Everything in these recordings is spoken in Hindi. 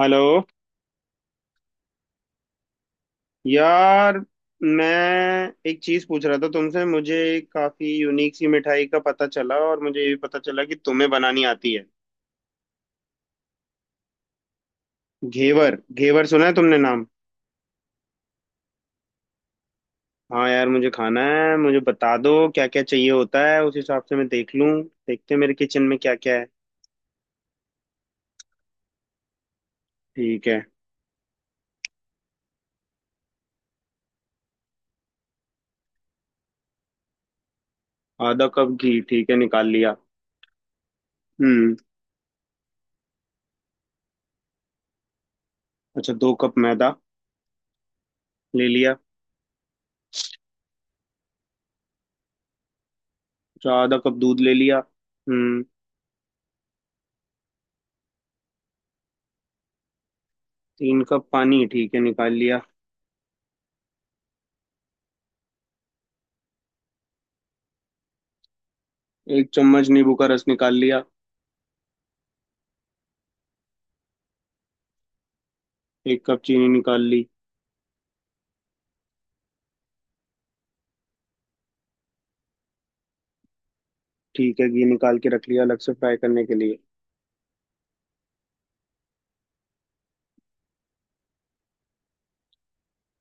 हेलो यार, मैं एक चीज पूछ रहा था तुमसे। मुझे एक काफी यूनिक सी मिठाई का पता चला, और मुझे ये भी पता चला कि तुम्हें बनानी आती है। घेवर, घेवर सुना है तुमने नाम? हाँ यार, मुझे खाना है। मुझे बता दो क्या क्या चाहिए होता है, उस हिसाब से मैं देख लूँ। देखते हैं मेरे किचन में क्या क्या है। ठीक है। आधा कप घी, ठीक है, निकाल लिया। हम्म। अच्छा, 2 कप मैदा ले लिया। अच्छा, आधा कप दूध ले लिया। हम्म। 3 कप पानी, ठीक है, निकाल लिया। 1 चम्मच नींबू का रस निकाल लिया। 1 कप चीनी निकाल ली। ठीक है, घी निकाल के रख लिया अलग से फ्राई करने के लिए।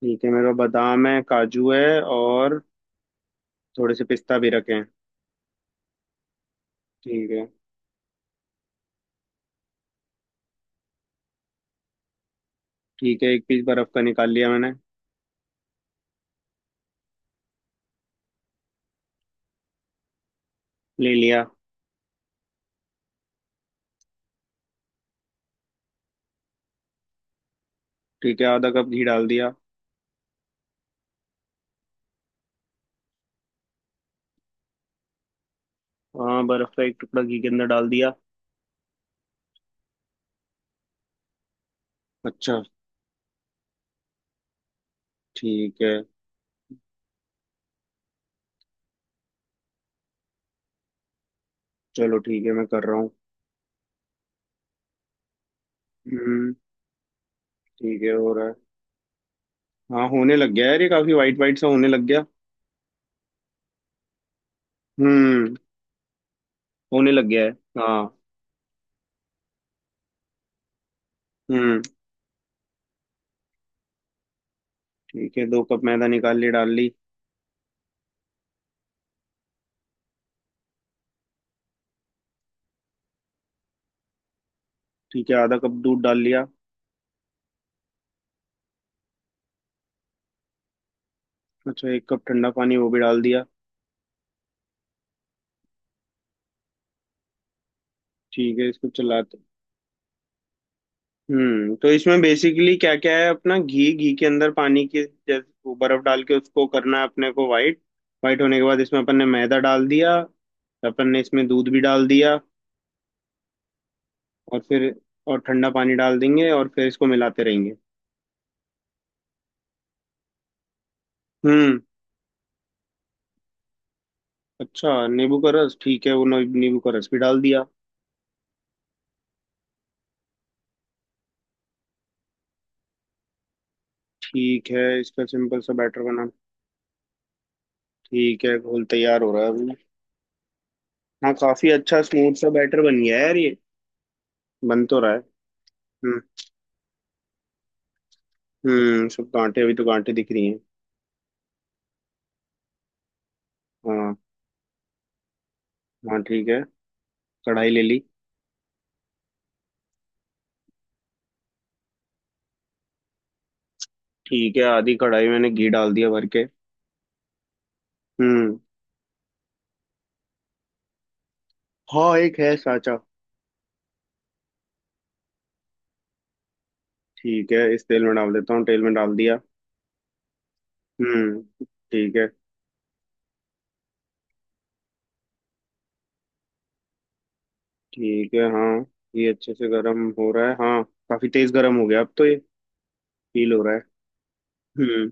ठीक है, मेरे पास बादाम है, काजू है, और थोड़े से पिस्ता भी रखे हैं। ठीक है। ठीक है, 1 पीस बर्फ का निकाल लिया मैंने। ले लिया। ठीक है, आधा कप घी डाल दिया। हाँ, बर्फ का एक टुकड़ा घी के अंदर डाल दिया। अच्छा। ठीक है। चलो ठीक है, मैं कर रहा हूँ। हम्म। ठीक है, हो रहा है। हाँ, होने लग गया है यार, ये काफी वाइट वाइट सा होने लग गया। हम्म। होने लग गया है। हाँ। हम्म। ठीक है, 2 कप मैदा निकाल ली, डाल ली। ठीक है, आधा कप दूध डाल लिया। अच्छा, 1 कप ठंडा पानी वो भी डाल दिया। ठीक है, इसको चलाते। तो इसमें बेसिकली क्या क्या है, अपना घी, घी के अंदर पानी के, जैसे वो बर्फ डाल के उसको करना है अपने को वाइट। वाइट होने के बाद इसमें अपन ने मैदा डाल दिया। अपन ने इसमें दूध भी डाल दिया। और फिर, और ठंडा पानी डाल देंगे, और फिर इसको मिलाते रहेंगे। हम्म। अच्छा, नींबू का रस, ठीक है, वो न- नींबू का रस भी डाल दिया। ठीक है, इसका सिंपल सा बैटर बना। ठीक है, घोल तैयार हो रहा है अभी। हाँ, काफी अच्छा स्मूथ सा बैटर बन गया है यार ये। बन तो रहा है। हम्म। सब गांठे, अभी तो गांठे दिख रही हैं। हाँ। हाँ। ठीक है, कढ़ाई ले ली। ठीक है, आधी कढ़ाई मैंने घी डाल दिया भर के। हम्म। हाँ, एक है साचा। ठीक है, इस तेल में डाल देता हूँ, तेल में डाल दिया। हम्म। ठीक है। ठीक है। हाँ, ये अच्छे से गर्म हो रहा है हाँ। काफी तेज गर्म हो गया अब तो, ये फील हो रहा है। हम्म।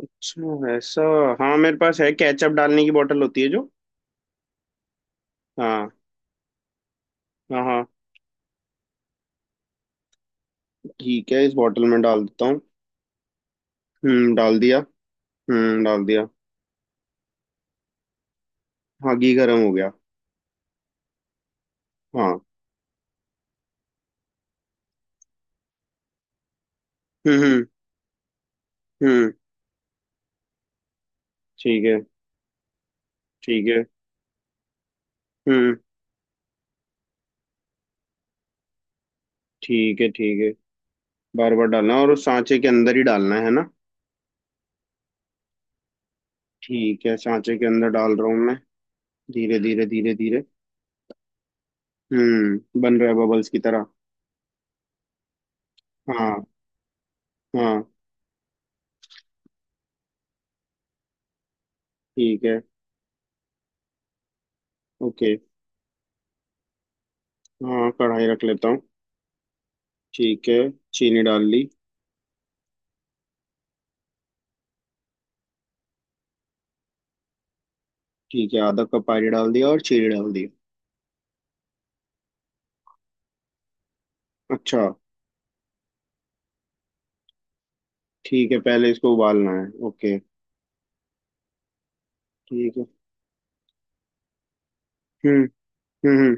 अच्छा, ऐसा। हाँ, मेरे पास है, केचप डालने की बोतल होती है जो। हाँ, हाँ। हाँ, ठीक है, इस बोतल में डाल देता हूँ। डाल दिया। डाल दिया। हाँ, घी गर्म हो गया। हाँ। हम्म। हम्म। हम्म, ठीक है। ठीक है। हम्म। ठीक है। ठीक है। बार बार डालना, और उस सांचे के अंदर ही डालना है ना। ठीक है, सांचे के अंदर डाल रहा हूँ मैं। धीरे धीरे धीरे धीरे। बन रहा है बबल्स की तरह। हाँ। हाँ। ठीक है। ओके। हाँ, कढ़ाई रख लेता हूँ। ठीक है, चीनी डाल ली। ठीक है, आधा कप पानी डाल दिया और चीनी डाल दी। अच्छा। ठीक है, पहले इसको उबालना है। ओके। ठीक है। हम्म। हम्म। हम्म।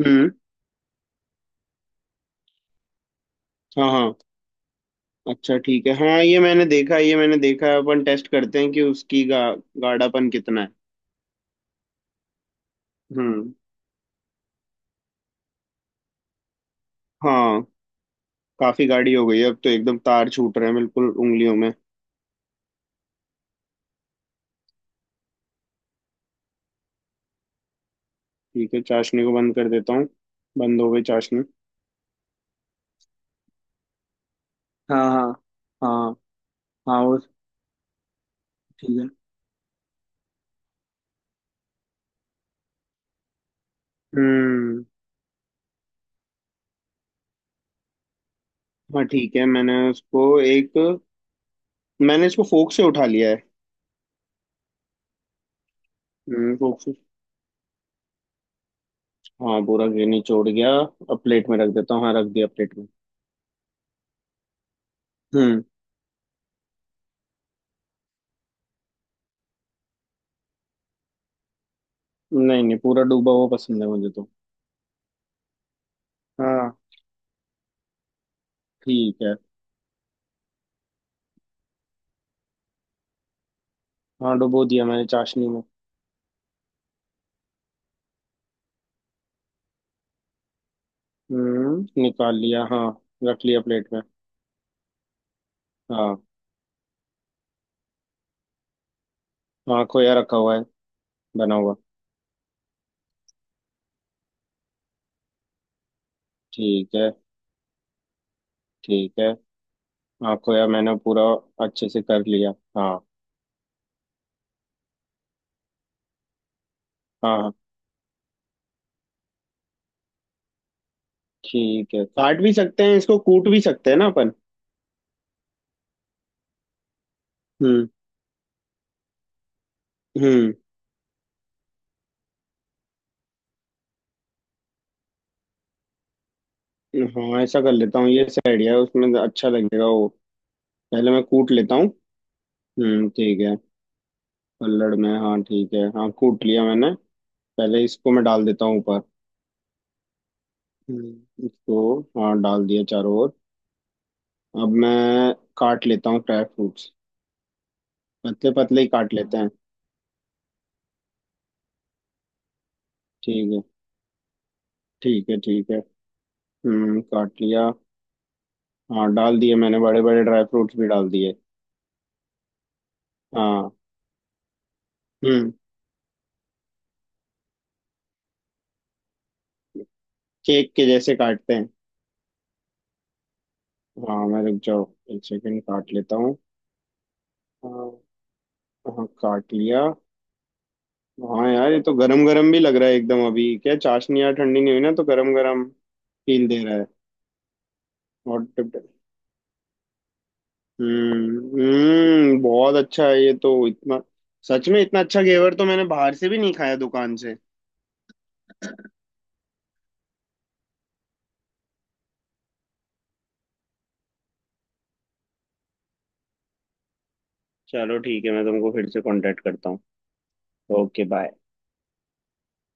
हम्म, हाँ, हाँ। अच्छा, ठीक है हाँ, ये मैंने देखा, ये मैंने देखा है। अपन टेस्ट करते हैं कि उसकी गाढ़ापन कितना है। हम्म। हाँ, काफी गाढ़ी हो गई है अब तो, एकदम तार छूट रहे हैं बिल्कुल उंगलियों में। ठीक है, चाशनी को बंद कर देता हूँ। बंद हो गई चाशनी। हाँ। हाँ। हाँ। हाँ, वो ठीक है। हम्म। हाँ, ठीक है, मैंने उसको एक मैंने इसको फोक से उठा लिया है। फोक से। हाँ, पूरा गिरनी छोड़ गया, अब प्लेट में रख देता हूँ। हाँ, रख दिया प्लेट में। हम्म नहीं नहीं, पूरा डूबा हुआ पसंद है मुझे तो। हाँ। ठीक है। हाँ, डुबो दिया मैंने चाशनी में। निकाल लिया हाँ। रख लिया प्लेट में। हाँ। हाँ, खोया रखा हुआ है, बना हुआ। ठीक है। ठीक है। हाँ, खोया मैंने पूरा अच्छे से कर लिया। हाँ। हाँ। हाँ, ठीक है, काट भी सकते हैं इसको, कूट भी सकते हैं ना अपन। हम्म। हम्म। हाँ, ऐसा कर लेता हूँ, ये सही आइडिया है, उसमें अच्छा लगेगा वो। पहले मैं कूट लेता हूँ। हम्म, ठीक है। पल्लड़ में, हाँ, ठीक है, हाँ, कूट लिया मैंने। पहले इसको मैं डाल देता हूँ ऊपर। इसको हाँ डाल दिया चारों ओर। अब मैं काट लेता हूँ ड्राई फ्रूट्स। पतले पतले ही काट लेते हाँ हैं। ठीक है। ठीक है। ठीक है। काट लिया। हाँ, डाल दिए मैंने, बड़े बड़े ड्राई फ्रूट्स भी डाल दिए। हाँ। हम्म केक के जैसे काटते हैं। हाँ, मैं रुक जाओ, 1 सेकंड, काट लेता हूँ। हाँ। हाँ, काट लिया। हाँ यार, ये तो गरम गरम भी लग रहा है एकदम, अभी क्या चाशनी यार ठंडी नहीं हुई ना, तो गरम गरम फील दे रहा है। और। हम्म। बहुत अच्छा है ये तो, इतना। सच में, इतना अच्छा घेवर तो मैंने बाहर से भी नहीं खाया दुकान से। चलो ठीक है, मैं तुमको फिर से कांटेक्ट करता हूँ। Okay, bye.